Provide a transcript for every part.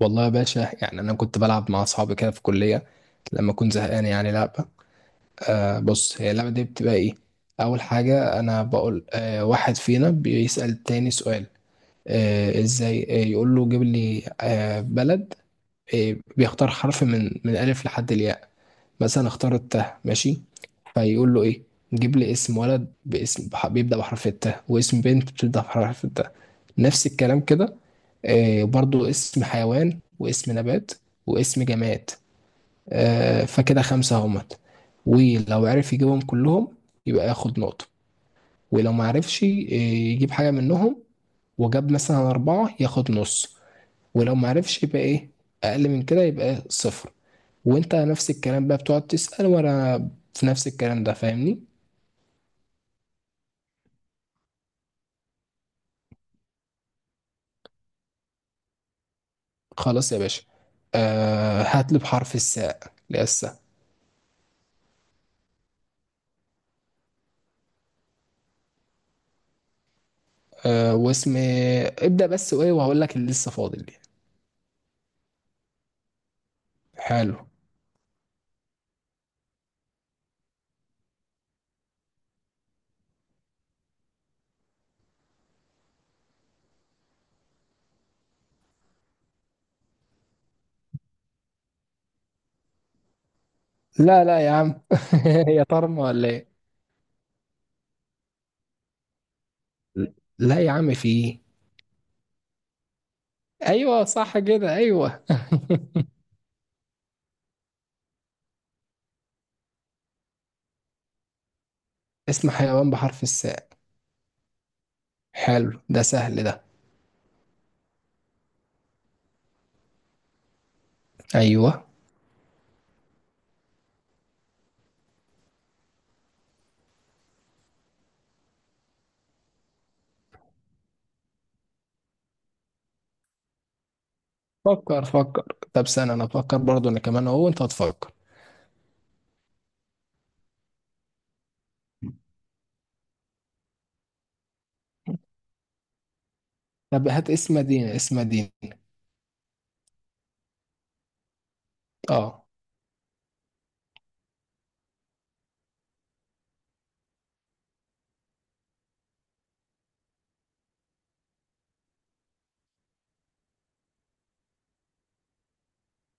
والله يا باشا، انا كنت بلعب مع اصحابي كده في الكليه لما اكون زهقان يعني لعبه. بص، هي اللعبه دي بتبقى ايه؟ اول حاجه انا بقول، واحد فينا بيسال التاني سؤال. ازاي؟ يقول له جيب لي بلد. بيختار حرف من الف لحد الياء. مثلا اختار التاء، ماشي. فيقول له ايه؟ جيب لي اسم ولد باسم بيبدا بحرف التاء، واسم بنت بتبدا بحرف التاء، نفس الكلام كده. برضو اسم حيوان واسم نبات واسم جماد. فكده خمسة همت. ولو عرف يجيبهم كلهم يبقى ياخد نقطة، ولو ما عرفش يجيب حاجة منهم وجاب مثلا أربعة ياخد نص، ولو ما عرفش يبقى إيه؟ أقل من كده يبقى صفر. وأنت نفس الكلام بقى بتقعد تسأل وأنا في نفس الكلام ده. فاهمني؟ خلاص يا باشا. هات لي بحرف الساء لسه. واسم، ابدأ بس وإيه، وهقول لك اللي لسه فاضل. حلو. لا، لا يا عم هي طرمة ولا ايه؟ لا يا عم، في ايه. ايوه صح كده، ايوه. اسم حيوان بحرف الساء. حلو ده، سهل ده. ايوه. فكر فكر. طب سنة انا افكر برضه انا كمان اهو، وانت هتفكر. طب هات اسم مدينة، اسم مدينة. اه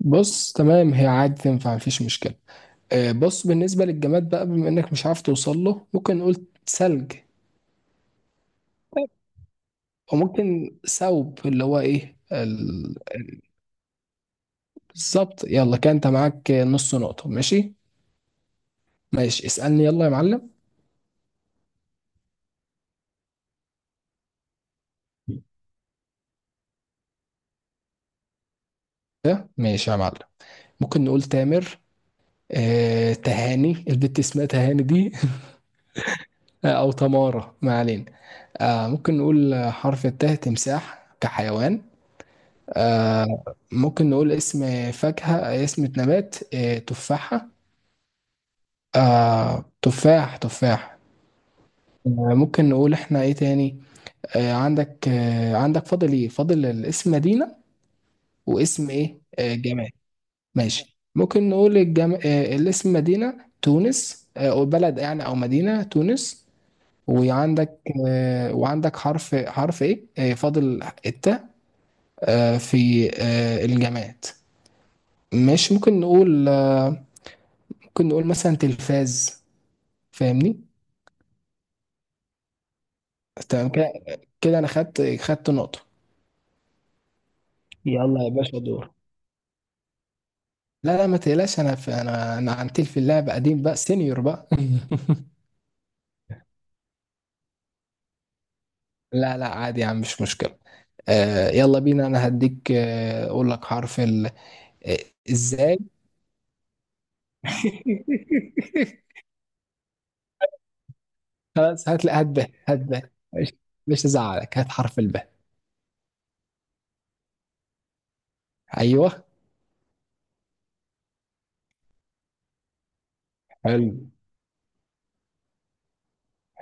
بص، تمام، هي عادي تنفع، مفيش مشكلة. بص بالنسبة للجماد بقى، بما انك مش عارف توصل له، ممكن نقول ثلج. وممكن ثوب، اللي هو ايه. بالظبط. يلا، كان انت معاك نص نقطة، ماشي. ماشي، اسألني يلا يا معلم. ماشي يا معلم. ممكن نقول تامر. تهاني، البت اسمها تهاني دي او تمارة، ما علينا. ممكن نقول حرف التاء تمساح كحيوان. آه، ممكن نقول اسم فاكهة اسم نبات، تفاحة. تفاح تفاح. ممكن نقول احنا ايه تاني؟ عندك فاضل ايه؟ فاضل الاسم مدينة واسم ايه، جماد. ماشي، ممكن نقول الجم... آه، الاسم مدينة تونس، أو بلد يعني، أو مدينة تونس. وعندك، حرف إيه؟ فاضل التاء. آه، في آه، الجماد. ماشي، ممكن نقول مثلا تلفاز. فاهمني؟ تمام كده. كده أنا خدت نقطة. يلا يا باشا دور. لا لا ما تقلقش، أنا عن تلف اللعب قديم بقى، سينيور بقى لا لا عادي يا عم، مش مشكلة. يلا بينا، انا هديك اقول لك حرف ال آه، ازاي خلاص هات، لا هات ب، هات ب مش مش هزعلك، هات حرف الب. ايوه، حلو،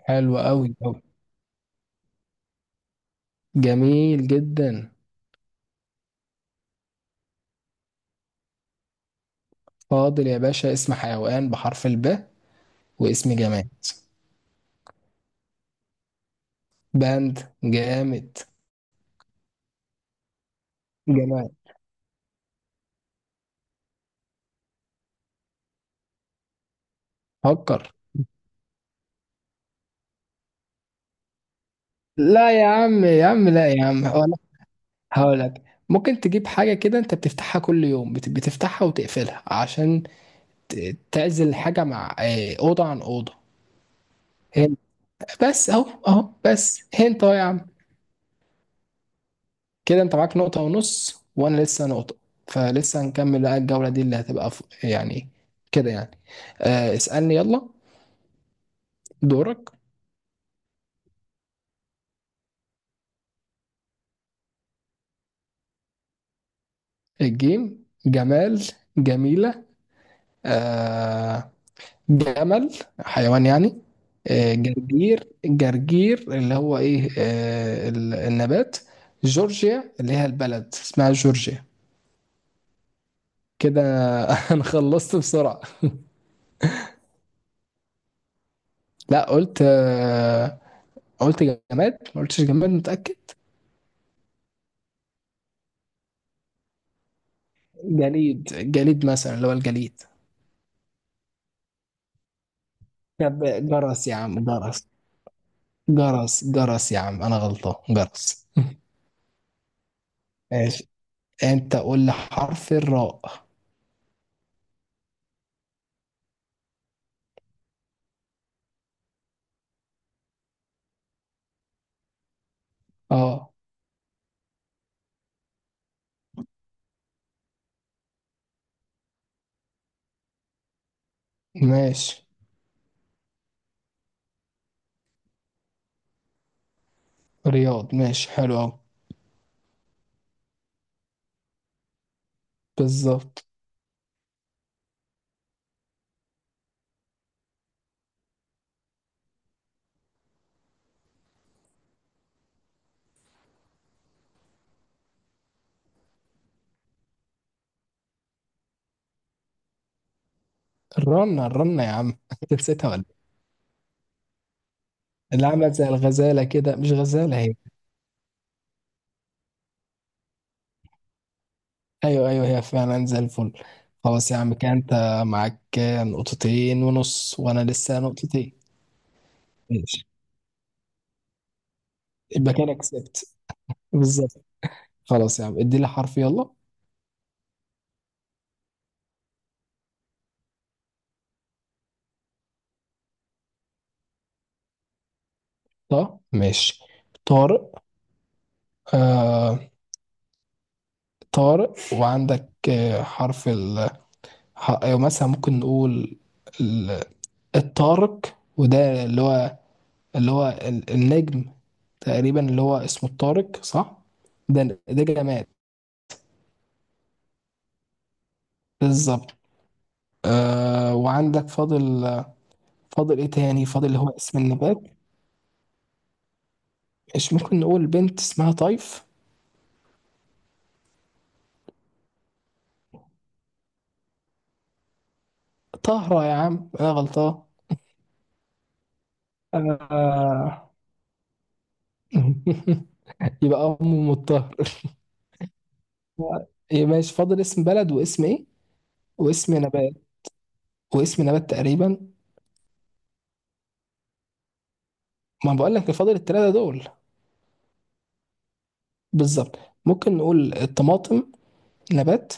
حلو قوي قوي، جميل جدا. فاضل يا باشا اسم حيوان بحرف الب واسم جماد. باند، جامد. جماد، فكر. لا يا عم، يا عم، لا يا عم، هقولك ممكن تجيب حاجة كده انت بتفتحها كل يوم، بتفتحها وتقفلها عشان تعزل حاجة مع أوضة عن أوضة. هنت. بس اهو، اهو بس، هنت اهو يا عم. كده انت معاك نقطة ونص وانا لسه نقطة. فلسه هنكمل بقى الجولة دي اللي هتبقى يعني كده يعني. اسألني يلا، دورك. الجيم. جمال، جميلة، آه جمل، حيوان يعني. جرجير، جرجير اللي هو ايه، النبات. جورجيا، اللي هي البلد اسمها جورجيا. كده انا خلصت بسرعة. لا قلت، قلت جماد، ما قلتش جماد، متأكد. جليد، جليد مثلا اللي هو الجليد. طب جرس يا عم، جرس، جرس، جرس يا عم، انا غلطان، جرس. ماشي، انت قول لي حرف الراء. اه. ماشي رياض، ماشي حلو قوي، بالظبط. الرنة، الرنة يا عم انت نسيتها ولا إيه؟ اللي عملت زي الغزالة كده، مش غزالة هي؟ ايوه ايوه، هي فعلا زي الفل. خلاص يا عم، كده انت معاك نقطتين ونص وانا لسه نقطتين. ماشي، يبقى كده كسبت. بالظبط. خلاص يا عم، ادي لي حرف يلا. طه، ماشي. طارق. آه طارق وعندك أيوة مثلا ممكن نقول ال- الطارق، وده اللي هو النجم تقريبا اللي هو اسمه الطارق صح. ده ده جماد. بالظبط. وعندك فاضل ايه تاني؟ فاضل اللي هو اسم النبات. مش ممكن نقول بنت اسمها طيف؟ طهرة يا عم، انا غلطان آه يبقى ام مطهر. إيه ماشي، فاضل اسم بلد واسم ايه، واسم نبات واسم نبات تقريبا. ما بقول لك فاضل الثلاثه دول. بالظبط. ممكن نقول الطماطم، نبات.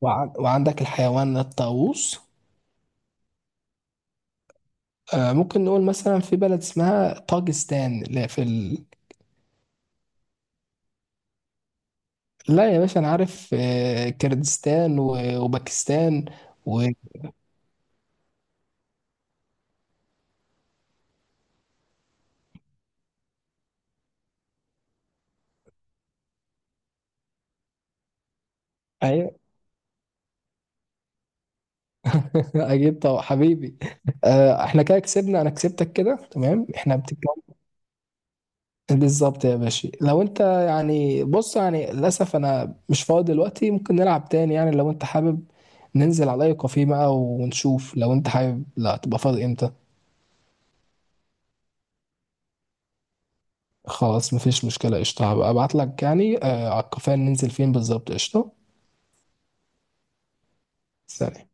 وعندك الحيوان الطاووس. ممكن نقول مثلا في بلد اسمها طاجستان. لا، في لا يا باشا، انا عارف كردستان وباكستان و... ايوه اكيد طبعا حبيبي. احنا كده كسبنا، انا كسبتك كده، تمام، احنا بنتكلم بالظبط يا باشا. لو انت يعني بص يعني للاسف انا مش فاضي دلوقتي، ممكن نلعب تاني يعني لو انت حابب. ننزل على اي كافيه بقى ونشوف، لو انت حابب لا تبقى فاضي امتى. خلاص مفيش مشكلة، قشطة. هبقى ابعت لك يعني على الكافيه ننزل فين بالظبط. قشطة، سلام.